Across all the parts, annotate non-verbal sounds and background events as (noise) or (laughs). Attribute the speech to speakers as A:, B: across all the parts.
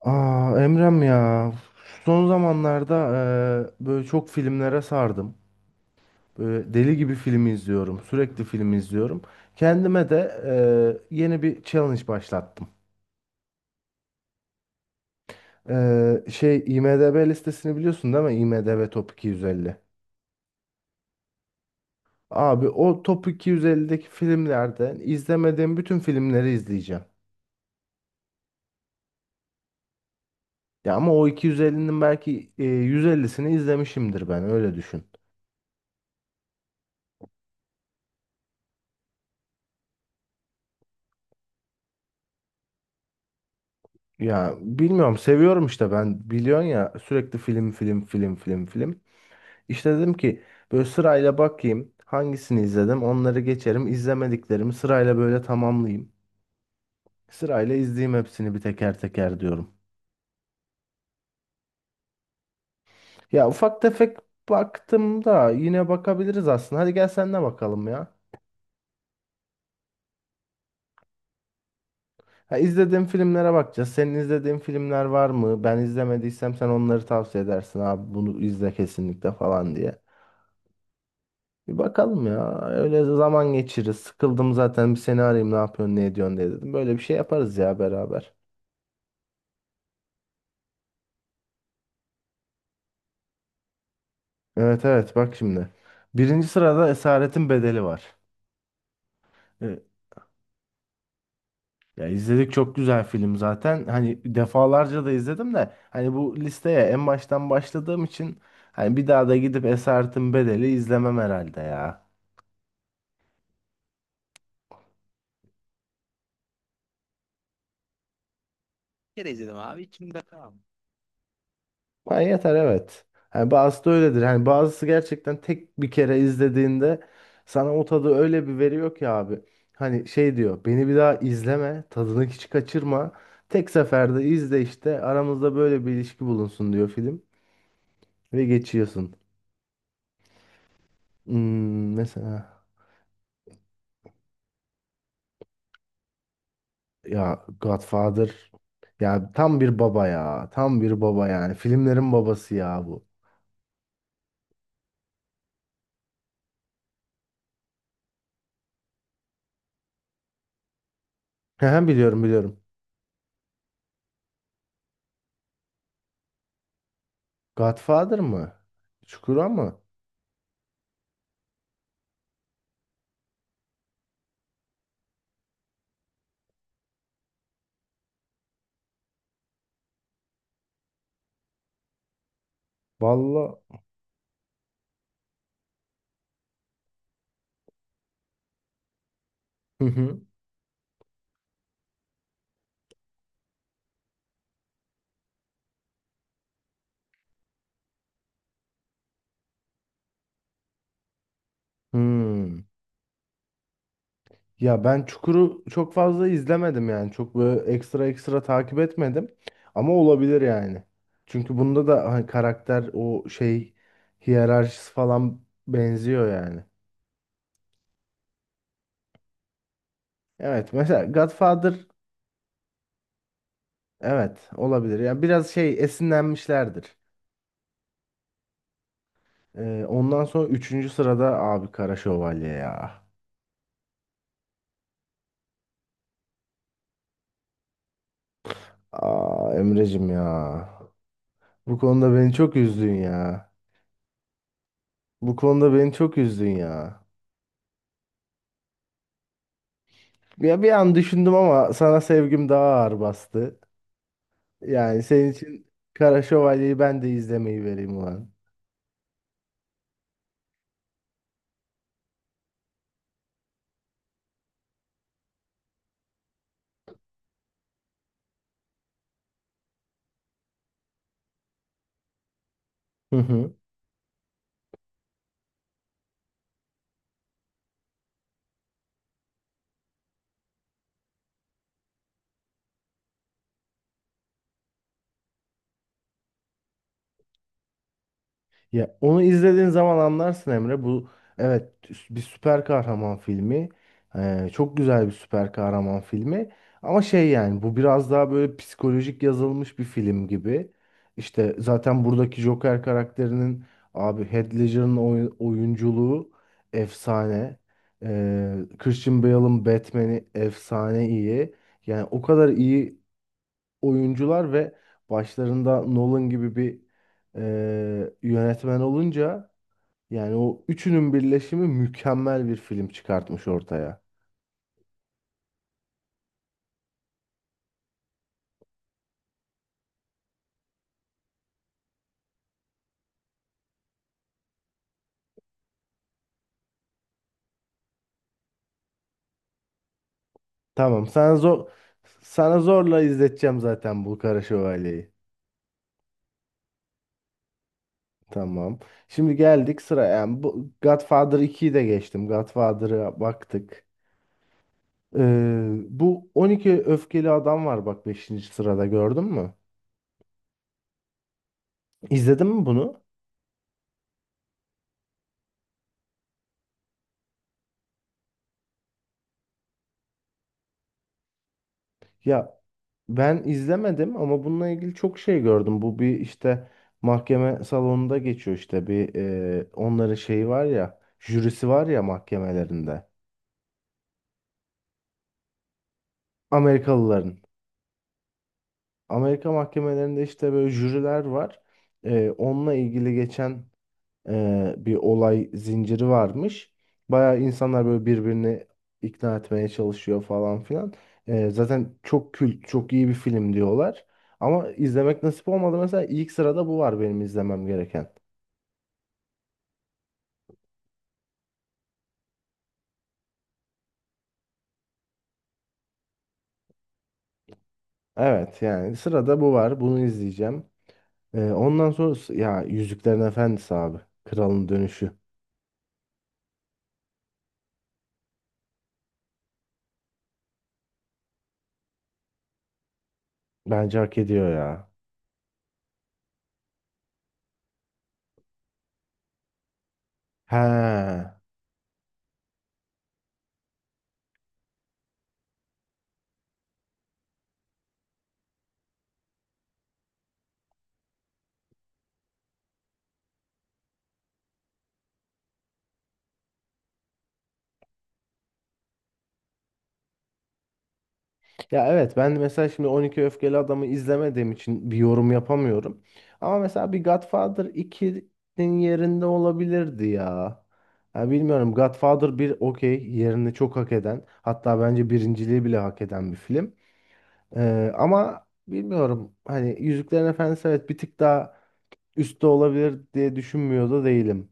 A: Emrem ya, son zamanlarda böyle çok filmlere sardım. Böyle deli gibi film izliyorum. Sürekli film izliyorum. Kendime de yeni bir challenge başlattım. Şey, IMDb listesini biliyorsun değil mi? IMDb Top 250. Abi o Top 250'deki filmlerden izlemediğim bütün filmleri izleyeceğim. Ya ama o 250'nin belki 150'sini izlemişimdir, ben öyle düşün. Ya bilmiyorum, seviyorum işte, ben biliyorsun ya, sürekli film film film film film. İşte dedim ki böyle sırayla bakayım, hangisini izledim onları geçerim, izlemediklerimi sırayla böyle tamamlayayım. Sırayla izleyeyim hepsini bir teker teker diyorum. Ya ufak tefek baktım da, yine bakabiliriz aslında, hadi gel sen de bakalım ya. Ha, izlediğim filmlere bakacağız. Senin izlediğin filmler var mı? Ben izlemediysem sen onları tavsiye edersin abi, bunu izle kesinlikle falan diye. Bir bakalım ya. Öyle zaman geçiririz. Sıkıldım zaten, bir seni arayayım ne yapıyorsun ne ediyorsun diye dedim. Böyle bir şey yaparız ya beraber. Evet, evet, bak şimdi. Birinci sırada Esaretin Bedeli var. Evet. Ya izledik, çok güzel film zaten. Hani defalarca da izledim de, hani bu listeye en baştan başladığım için hani bir daha da gidip Esaretin Bedeli izlemem herhalde ya. Ha, yeter, evet. Yani bazısı da öyledir. Hani bazısı gerçekten tek bir kere izlediğinde sana o tadı öyle bir veriyor ki abi. Hani şey diyor, beni bir daha izleme, tadını hiç kaçırma. Tek seferde izle, işte aramızda böyle bir ilişki bulunsun, diyor film. Ve geçiyorsun. Mesela ya Godfather, ya tam bir baba, ya tam bir baba, yani filmlerin babası ya bu. He, biliyorum, biliyorum. Godfather mı? Çukura mı? Vallahi. Hı hı. Hmm. Ya ben Çukur'u çok fazla izlemedim yani. Çok böyle ekstra ekstra takip etmedim. Ama olabilir yani. Çünkü bunda da hani karakter o şey, hiyerarşisi falan benziyor yani. Evet, mesela Godfather, evet olabilir. Yani biraz şey esinlenmişlerdir. Ondan sonra üçüncü sırada abi Kara Şövalye ya. Emre'cim ya. Bu konuda beni çok üzdün ya. Bu konuda beni çok üzdün ya. Ya bir an düşündüm, ama sana sevgim daha ağır bastı. Yani senin için Kara Şövalye'yi ben de izlemeyi vereyim ulan. (laughs) Ya onu izlediğin zaman anlarsın Emre. Bu, evet, bir süper kahraman filmi. Çok güzel bir süper kahraman filmi. Ama şey yani, bu biraz daha böyle psikolojik yazılmış bir film gibi. İşte zaten buradaki Joker karakterinin, abi, Heath Ledger'ın oyunculuğu efsane. Christian Bale'ın Batman'i efsane iyi. Yani o kadar iyi oyuncular ve başlarında Nolan gibi bir yönetmen olunca, yani o üçünün birleşimi mükemmel bir film çıkartmış ortaya. Tamam, sana zorla izleteceğim zaten bu Kara Şövalye'yi. Tamam. Şimdi geldik sıra. Yani bu Godfather ikiyi de geçtim. Godfather'a baktık. Ee, Bu 12 öfkeli adam var bak, beşinci sırada, gördün mü? İzledin mi bunu? Ya ben izlemedim ama bununla ilgili çok şey gördüm. Bu bir işte mahkeme salonunda geçiyor, işte bir onların şeyi var ya, jürisi var ya mahkemelerinde. Amerikalıların. Amerika mahkemelerinde işte böyle jüriler var. Onunla ilgili geçen bir olay zinciri varmış. Bayağı insanlar böyle birbirini ikna etmeye çalışıyor falan filan. Zaten çok kült, çok iyi bir film diyorlar. Ama izlemek nasip olmadı. Mesela ilk sırada bu var benim izlemem gereken. Evet, yani sırada bu var. Bunu izleyeceğim. Ondan sonra ya, Yüzüklerin Efendisi abi. Kralın Dönüşü. Bence hak ediyor ya. He. Ya evet, ben mesela şimdi 12 Öfkeli Adam'ı izlemediğim için bir yorum yapamıyorum. Ama mesela bir Godfather ikinin yerinde olabilirdi ya. Ya bilmiyorum, Godfather bir okey, yerini çok hak eden, hatta bence birinciliği bile hak eden bir film. Ama bilmiyorum, hani Yüzüklerin Efendisi evet bir tık daha üstte olabilir diye düşünmüyor da değilim.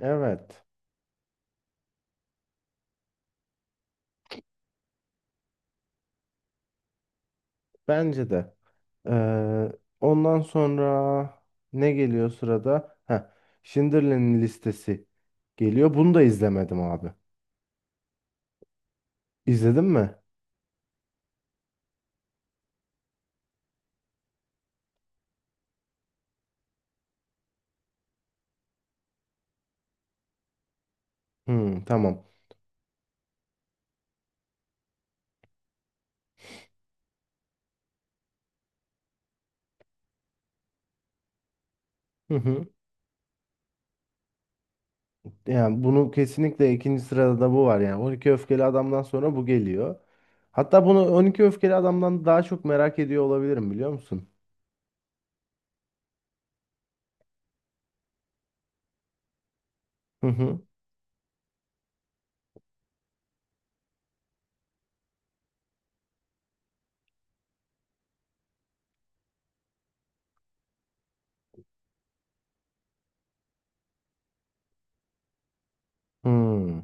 A: Evet. Bence de. Ee, Ondan sonra ne geliyor sırada? Schindler'in Listesi geliyor. Bunu da izlemedim abi. İzledin mi? Hmm, tamam. Hı hı. Yani bunu kesinlikle, ikinci sırada da bu var. Yani 12 Öfkeli Adam'dan sonra bu geliyor. Hatta bunu 12 Öfkeli Adam'dan daha çok merak ediyor olabilirim, biliyor musun? Hı hı. Hmm.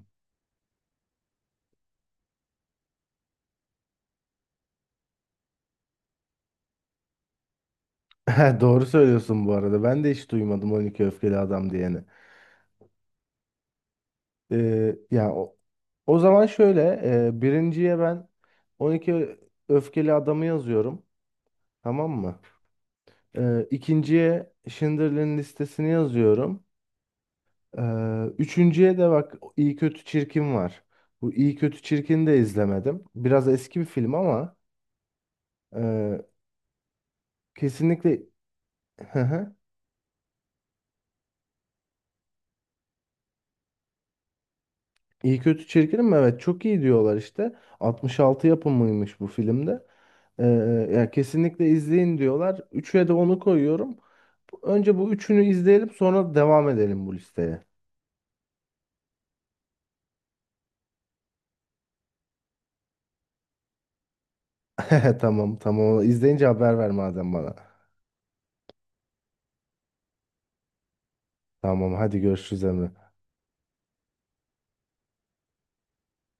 A: (laughs) Doğru söylüyorsun bu arada. Ben de hiç duymadım 12 Öfkeli Adam diye. Yani o, zaman şöyle, birinciye ben 12 öfkeli adamı yazıyorum. Tamam mı? İkinciye Schindler'in Listesini yazıyorum. Üçüncüye de bak, iyi kötü Çirkin var. Bu iyi kötü çirkin de izlemedim. Biraz eski bir film ama e, kesinlikle (laughs) İyi Kötü Çirkin'im mi? Evet, çok iyi diyorlar işte. 66 yapımıymış bu filmde. Ee, Ya kesinlikle izleyin diyorlar. Üçe de onu koyuyorum. Önce bu üçünü izleyelim, sonra devam edelim bu listeye. (laughs) Tamam, tamam. İzleyince haber ver madem bana. Tamam, hadi görüşürüz Emre.